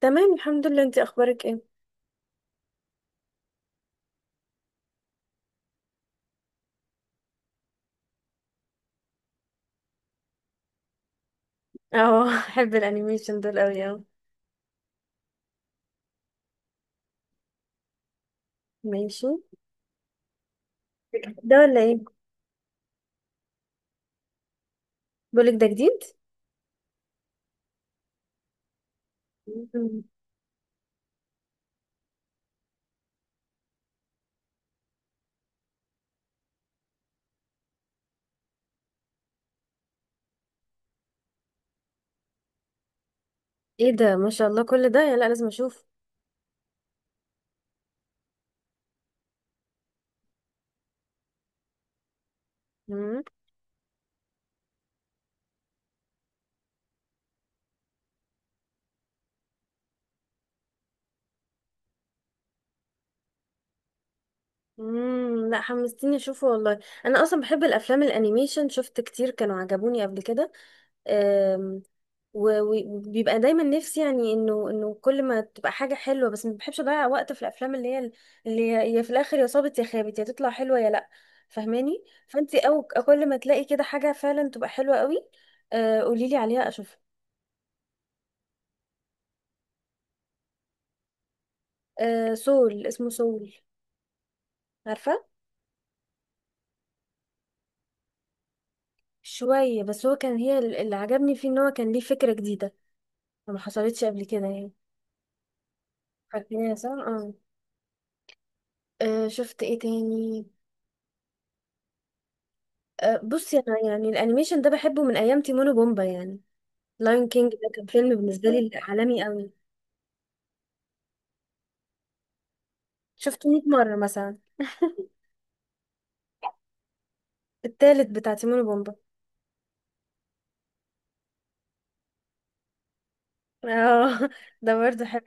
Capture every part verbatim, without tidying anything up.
تمام، الحمد لله، انتي اخبارك ايه؟ اه احب الانيميشن دول قوي، اه. ماشي. ده ولا ايه؟ بقولك، ده جديد؟ مم. ايه ده؟ ما شاء الله، كل ده؟ لا، لازم اشوف. مم. مم. لا، حمستيني اشوفه والله. انا اصلا بحب الافلام الانيميشن، شفت كتير كانوا عجبوني قبل كده. أم، و- و- وبيبقى دايما نفسي يعني انه انه كل ما تبقى حاجه حلوه، بس ما بحبش اضيع وقت في الافلام اللي هي اللي هي هي في الاخر يا صابت يا خابت، يا تطلع حلوه يا لا. فاهماني؟ فانت او كل ما تلاقي كده حاجه فعلا تبقى حلوه قوي، قولي لي عليها اشوفها. أه سول، اسمه سول. عارفه. شويه، بس هو كان، هي ال- اللي عجبني فيه ان هو كان ليه فكره جديده ما حصلتش قبل كده يعني. عارفين يا ساره، اه. آه، شفت ايه تاني؟ أه، بصي، انا يعني الانيميشن ده بحبه من ايام تيمون وبومبا يعني. لاين كينج ده كان فيلم بالنسبه لي عالمي قوي، شفته مية مرة مره مثلا التالت بتاع تيمون وبومبا. اه ده برضه حلو.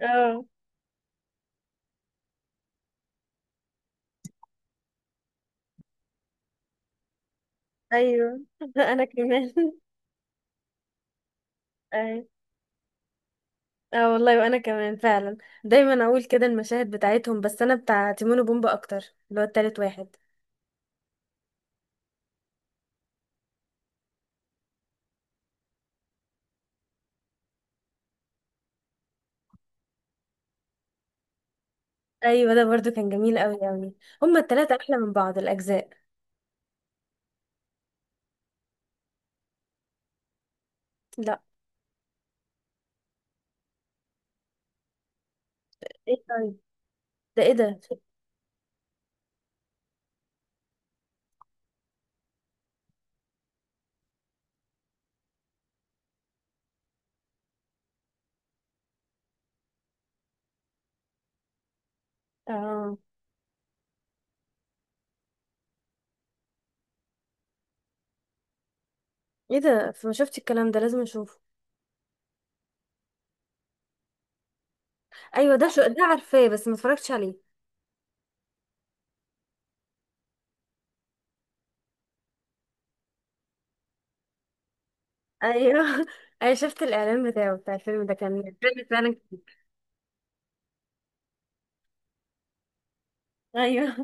اه ايوه انا كمان. أيوة. اه والله وانا كمان فعلا، دايما اقول كده المشاهد بتاعتهم، بس انا بتاع تيمون وبومبا اكتر، اللي هو التالت واحد. ايوه ده برضه كان جميل قوي قوي. هما التلاتة احلى من بعض الاجزاء. لا. ايه طيب؟ ده، ايه ده؟ اه، ايه ده؟ ما شفتش الكلام ده، لازم اشوفه. ايوه ده، شو ده، عارفاه بس ما اتفرجتش عليه. ايوه ايوه، شفت الاعلان بتاعه بتاع الفيلم ده، كان الفيلم فعلا كتير. ايوه.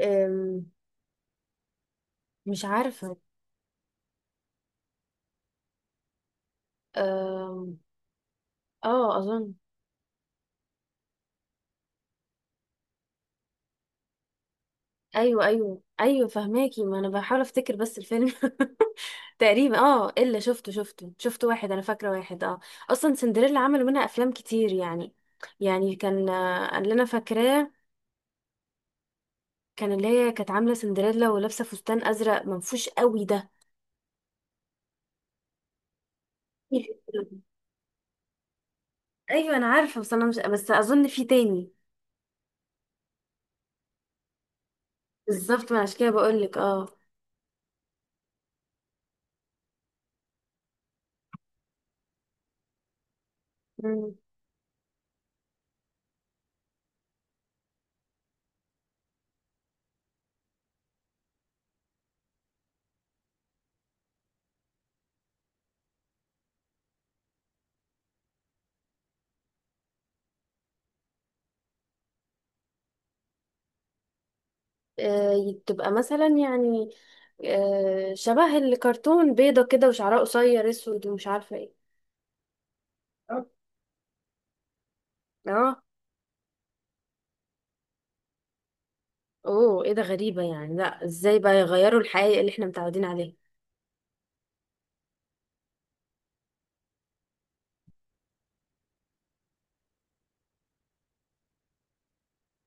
أم، مش عارفه. أم، اه، اظن. ايوه ايوه ايوه فهماكي، ما انا بحاول افتكر بس الفيلم تقريبا اه الا شفته شفته شفت واحد، انا فاكره واحد، اه. اصلا سندريلا عملوا منها افلام كتير يعني، يعني كان آه، اللي انا فاكراه، كان اللي هي كانت عامله سندريلا ولابسه فستان ازرق منفوش قوي ده. ايوه انا عارفه، بس انا مش، بس اظن في تاني. بالظبط، ما عشان كده بقول لك، اه. مم. آه، تبقى مثلا يعني آه، شبه الكرتون، بيضه كده، وشعرها قصير اسود ومش عارفه ايه. اه. اه. اوه، ايه ده؟ غريبه يعني، لا، ازاي بقى يغيروا الحقيقه اللي احنا متعودين عليها؟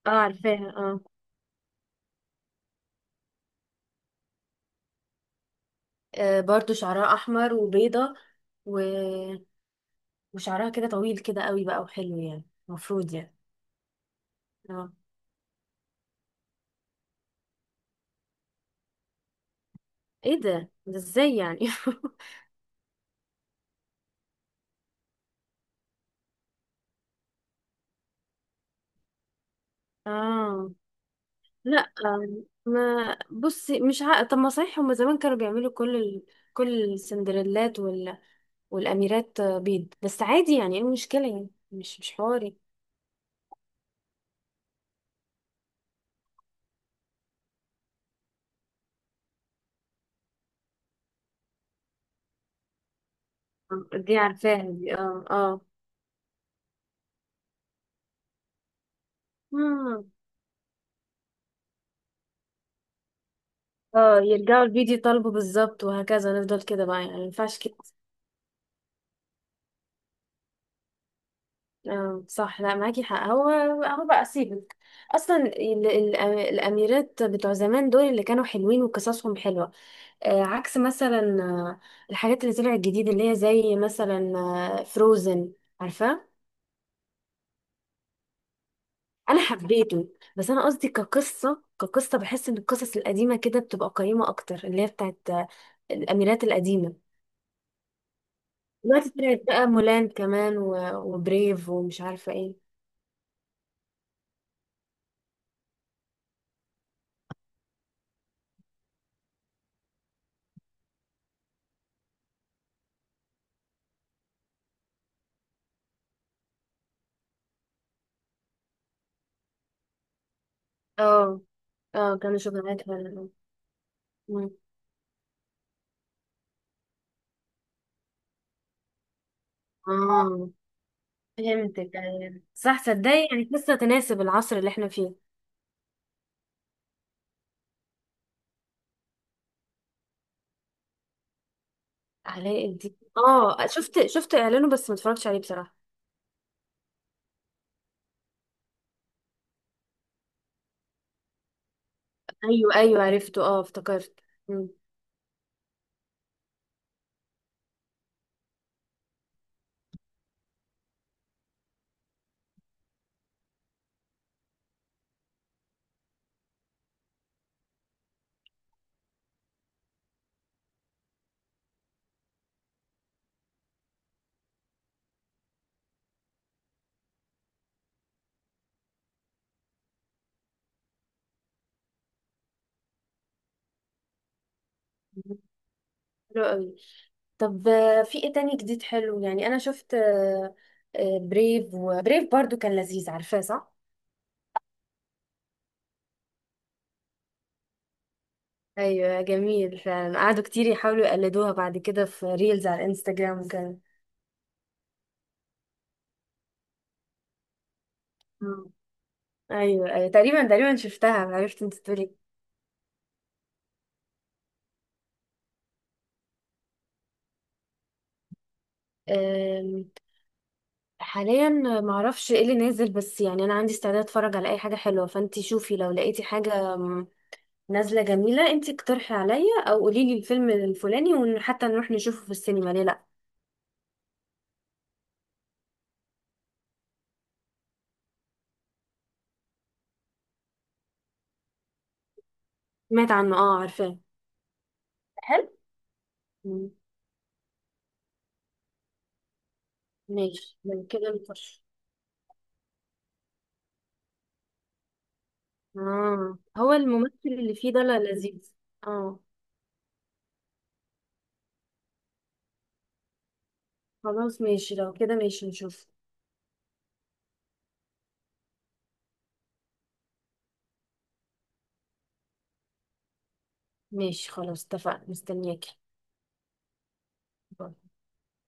اه، عارفاها، اه. آه، برضو شعرها احمر وبيضه، و وشعرها كده طويل كده قوي بقى، وحلو يعني. المفروض يعني. اه. ايه ده ده ازاي يعني؟ اه، لا، آم، ما بصي، مش عارفة، طب ما صحيح هما زمان كانوا بيعملوا كل ال... كل السندريلات، وال... والاميرات آه، بيض، بس عادي يعني، ايه المشكلة يعني؟ مش مش حواري. آه، دي عارفاها دي، اه اه. مم. اه، يرجعوا الفيديو يطالبوا بالظبط، وهكذا نفضل كده بقى، يعني ما ينفعش كده. اه صح، لا، معاكي حق، هو. هو بقى سيبك. اصلا ال- ال- الاميرات بتوع زمان دول اللي كانوا حلوين وقصصهم حلوه، آه عكس مثلا آه، الحاجات اللي طلعت جديد، اللي هي زي مثلا فروزن، عارفاه. انا حبيته، بس انا قصدي كقصه، كقصه بحس ان القصص القديمه كده بتبقى قيمه اكتر، اللي هي بتاعت آه، الاميرات القديمه. دلوقتي طلعت بقى مولان كمان و- وبريف ومش عارفه ايه. اه اه، كانوا شغلانات فعلا. مم. اه، فهمتك أيوة. صح، تصدقي يعني لسه تناسب العصر اللي احنا فيه. علاء الدين، اه، شفت، شفت اعلانه بس ما اتفرجتش عليه بصراحة. ايوه ايوه، عرفته، اه افتكرت. مم. حلو قوي. طب آه، في ايه تاني جديد حلو يعني؟ انا شفت، آه، آه، بريف، وبريف برضو كان لذيذ، عارفاه صح؟ ايوه جميل فعلا، قعدوا كتير يحاولوا يقلدوها بعد كده في ريلز على الانستجرام وكده. مم. ايوه ايوه تقريبا تقريبا شفتها، عرفت انت تقولي. أم، حاليا معرفش ايه اللي نازل، بس يعني انا عندي استعداد اتفرج على اي حاجه حلوه، فانتي شوفي لو لقيتي حاجه أم، نازله جميله، انتي اقترحي عليا او قولي لي الفيلم الفلاني، وحتى نروح نشوفه في السينما، ليه لا؟ سمعت عنه، اه عارفاه. حلو. مم. ماشي، من كده نخش. اه، هو الممثل اللي فيه ده، لا، لذيذ. اه. خلاص ماشي، لو كده ماشي، نشوف. ماشي خلاص، اتفقنا، مستنياكي.